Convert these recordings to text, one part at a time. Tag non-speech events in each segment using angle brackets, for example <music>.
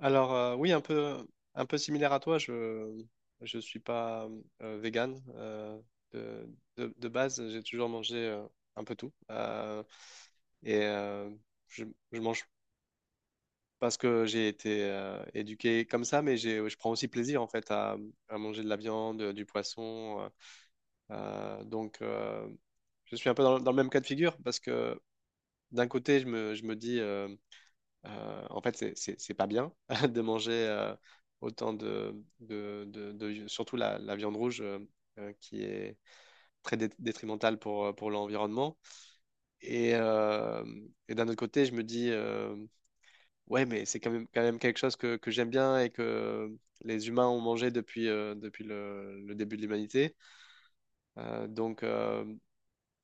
Oui, un peu similaire à toi, je suis pas vegan, de, de base, j'ai toujours mangé un peu tout. Et euh, je, je mange parce que j'ai été éduqué comme ça, mais je prends aussi plaisir en fait à manger de la viande, du poisson. Donc, je suis un peu dans le même cas de figure parce que d'un côté, je me dis. En fait, c'est pas bien <laughs> de manger autant de, surtout la viande rouge euh, qui est très détrimentale pour l'environnement. Et, euh, et d'un autre côté, je me dis, ouais, mais c'est quand même quelque chose que j'aime bien et que les humains ont mangé depuis, depuis le début de l'humanité. Euh, donc, euh,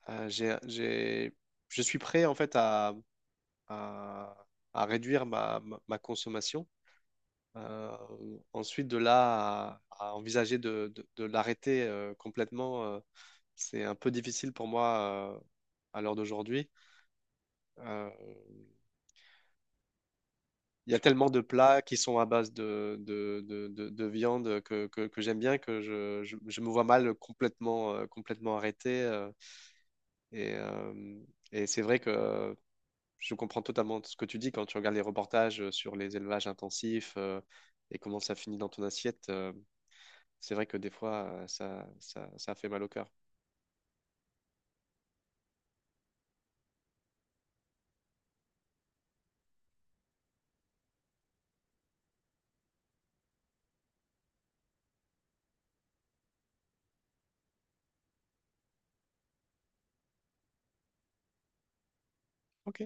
euh, j'ai, j'ai- je suis prêt en fait à, à, à réduire ma consommation. Euh, ensuite, de là à envisager de l'arrêter complètement, c'est un peu difficile pour moi à l'heure d'aujourd'hui. Euh, Il y a tellement de plats qui sont à base de viande que j'aime bien que je me vois mal complètement, complètement arrêté. Et et c'est vrai que je comprends totalement ce que tu dis quand tu regardes les reportages sur les élevages intensifs et comment ça finit dans ton assiette. C'est vrai que des fois, ça fait mal au cœur. Ok.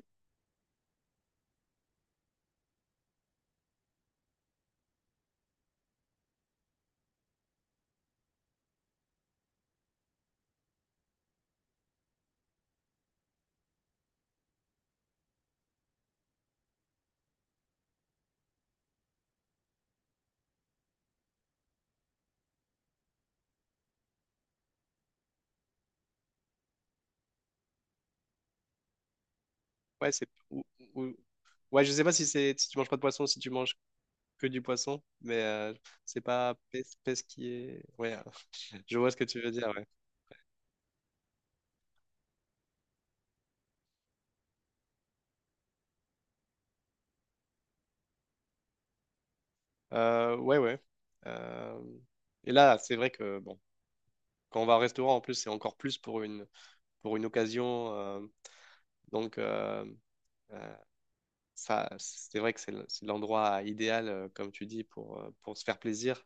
Ouais, ou- Ouais, je sais pas si c'est si tu manges pas de poisson, si tu manges que du poisson, mais c'est pas pesquier. Ouais, <laughs> je vois ce que tu veux dire. Ouais, euh, ouais, ouais. Euh, et là, c'est vrai que bon, quand on va au restaurant, en plus, c'est encore plus pour une occasion. Donc euh, euh, Ça, c'est vrai que c'est l'endroit idéal, comme tu dis, pour se faire plaisir.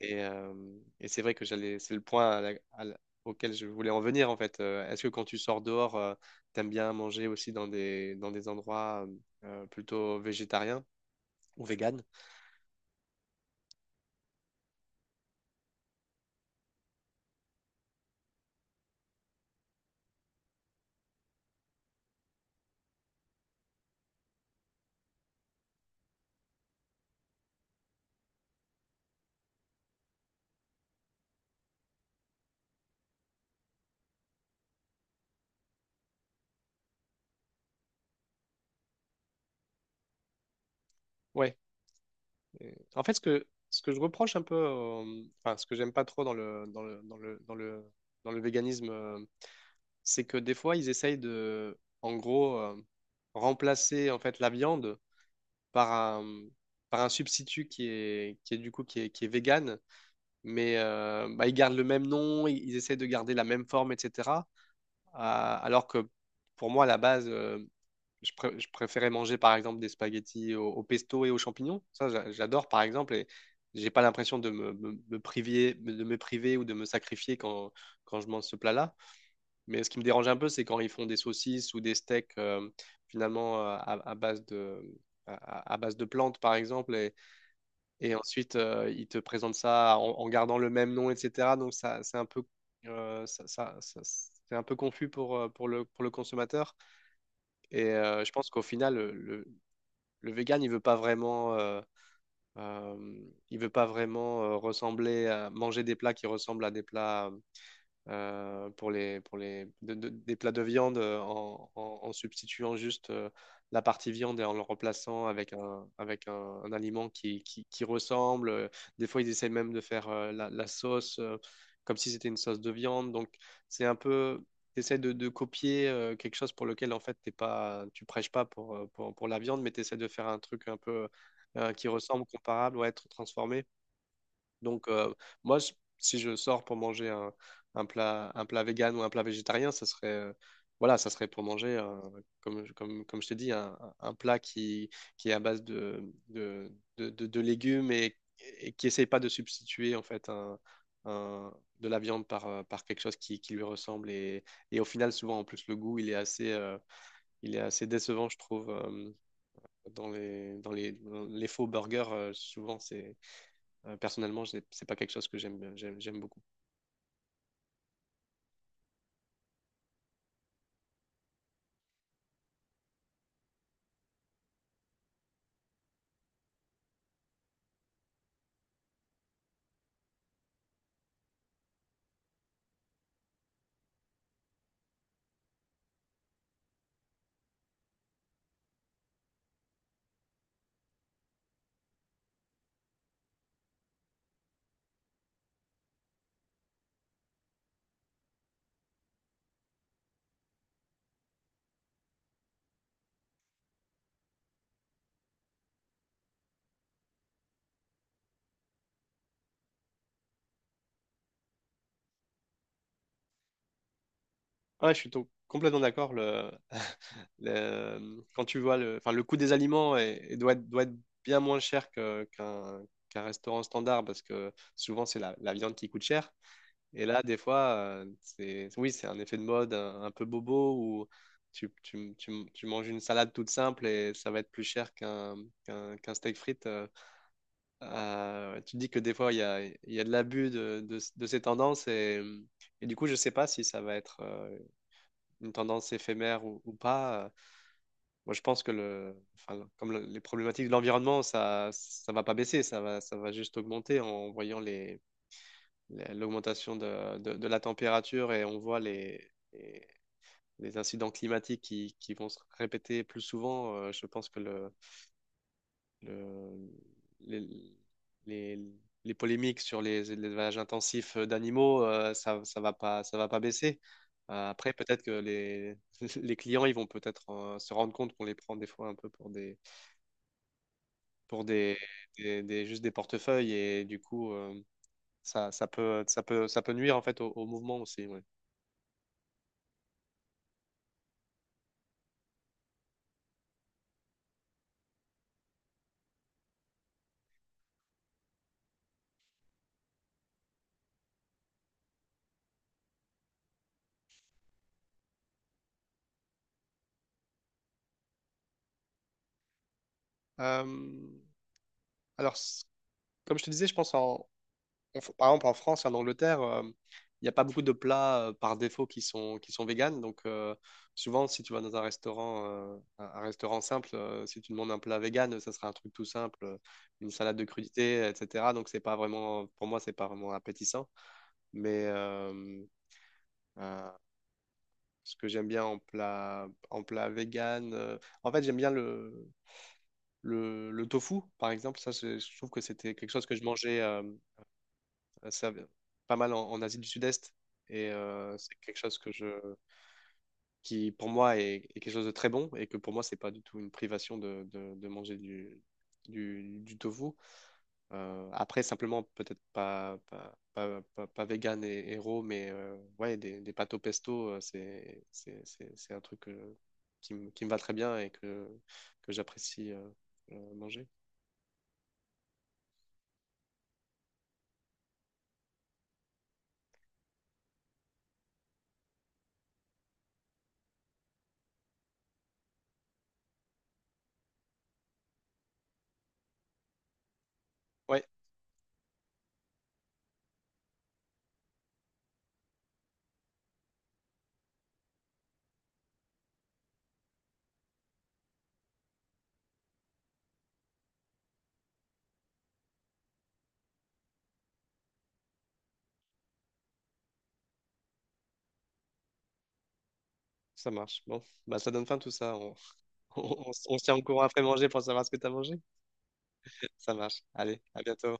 Et, euh, et c'est vrai que j'allais, c'est le point auquel je voulais en venir en fait. Est-ce que quand tu sors dehors, t'aimes bien manger aussi dans des endroits plutôt végétariens ou véganes? Ouais. Et en fait, ce que je reproche un peu, enfin, ce que j'aime pas trop dans le véganisme, c'est que des fois, ils essayent de, en gros, remplacer en fait la viande par un, par un substitut qui est du coup qui est vegan, mais bah, ils gardent le même nom, ils essayent de garder la même forme, etc. Alors que pour moi, à la base, je préférais manger par exemple des spaghettis au pesto et aux champignons. Ça, j'adore par exemple et j'ai pas l'impression de me priver, de me priver ou de me sacrifier quand, quand je mange ce plat-là. Mais ce qui me dérange un peu, c'est quand ils font des saucisses ou des steaks finalement à base de, à base de plantes, par exemple, et ensuite ils te présentent ça en, en gardant le même nom, etc. Donc ça, c'est un peu, c'est un peu confus pour le consommateur. Et je pense qu'au final, le vegan, il veut pas vraiment. Euh, il veut pas vraiment ressembler à manger des plats qui ressemblent à des plats pour les, de- des plats de viande en substituant juste la partie viande et en le remplaçant avec un, un aliment qui ressemble. Des fois, ils essayent même de faire la sauce comme si c'était une sauce de viande. Donc, c'est un peu, tu de copier quelque chose pour lequel, en fait, t'es pas, tu prêches pas pour, pour la viande, mais tu essaies de faire un truc un peu qui ressemble, comparable, ouais, être transformé. Donc, moi, je- si je sors pour manger un, un plat vegan ou un plat végétarien, ça serait, voilà, ça serait pour manger, comme, comme je t'ai dit, un plat qui est à base de légumes et qui essaye pas de substituer, en fait, un- de la viande par, par quelque chose qui lui ressemble. Et au final, souvent, en plus, le goût, il est assez décevant, je trouve. Dans dans les faux burgers, souvent, c'est personnellement, c'est pas quelque chose que j'aime beaucoup. Ah ouais, je suis complètement d'accord. <laughs> Quand tu vois le, enfin, le coût des aliments doit être bien moins cher qu'un qu'un restaurant standard parce que souvent c'est la viande qui coûte cher. Et là, des fois, c'est, oui, c'est un effet de mode un peu bobo où tu manges une salade toute simple et ça va être plus cher qu'un steak frites. Tu dis que des fois, il y a de l'abus de ces tendances et du coup, je ne sais pas si ça va être une tendance éphémère ou pas. Moi, je pense que le, enfin, les problématiques de l'environnement, ça va pas baisser, ça va juste augmenter en voyant les, l'augmentation de la température et on voit les incidents climatiques qui vont se répéter plus souvent. Je pense que le- les, les, les polémiques sur les élevages intensifs d'animaux, ça va pas baisser. Après, peut-être que les, <laughs> les clients, ils vont peut-être se rendre compte qu'on les prend des fois un peu pour des, pour des, juste des portefeuilles et du coup, ça peut nuire en fait au, au mouvement aussi. Ouais. Euh, alors, comme je te disais, je pense en, par exemple, en France et en Angleterre, il n'y a pas beaucoup de plats par défaut qui sont véganes. Donc, souvent, si tu vas dans un restaurant simple, si tu demandes un plat vegan, ça sera un truc tout simple, une salade de crudités, etc. Donc, c'est pas vraiment, pour moi, c'est pas vraiment appétissant. Mais euh, ce que j'aime bien en plat vegan, en fait, j'aime bien le tofu, par exemple. Ça, je trouve que c'était quelque chose que je mangeais. Euh, ça- Pas mal en, en Asie du Sud-Est. Et c'est quelque chose que qui, pour moi, est quelque chose de très bon et que pour moi, c'est pas du tout une privation de, de manger du tofu. Après, simplement, peut-être pas, pas, pas, pas, pas vegan et raw, mais ouais, des pâtes au pesto, c'est un truc qui, qui me va très bien et que j'apprécie manger. Ouais, ça marche. Bon, bah, ça donne fin tout ça. On se tient au courant après manger pour savoir ce que t'as mangé? Ça marche. Allez, à bientôt.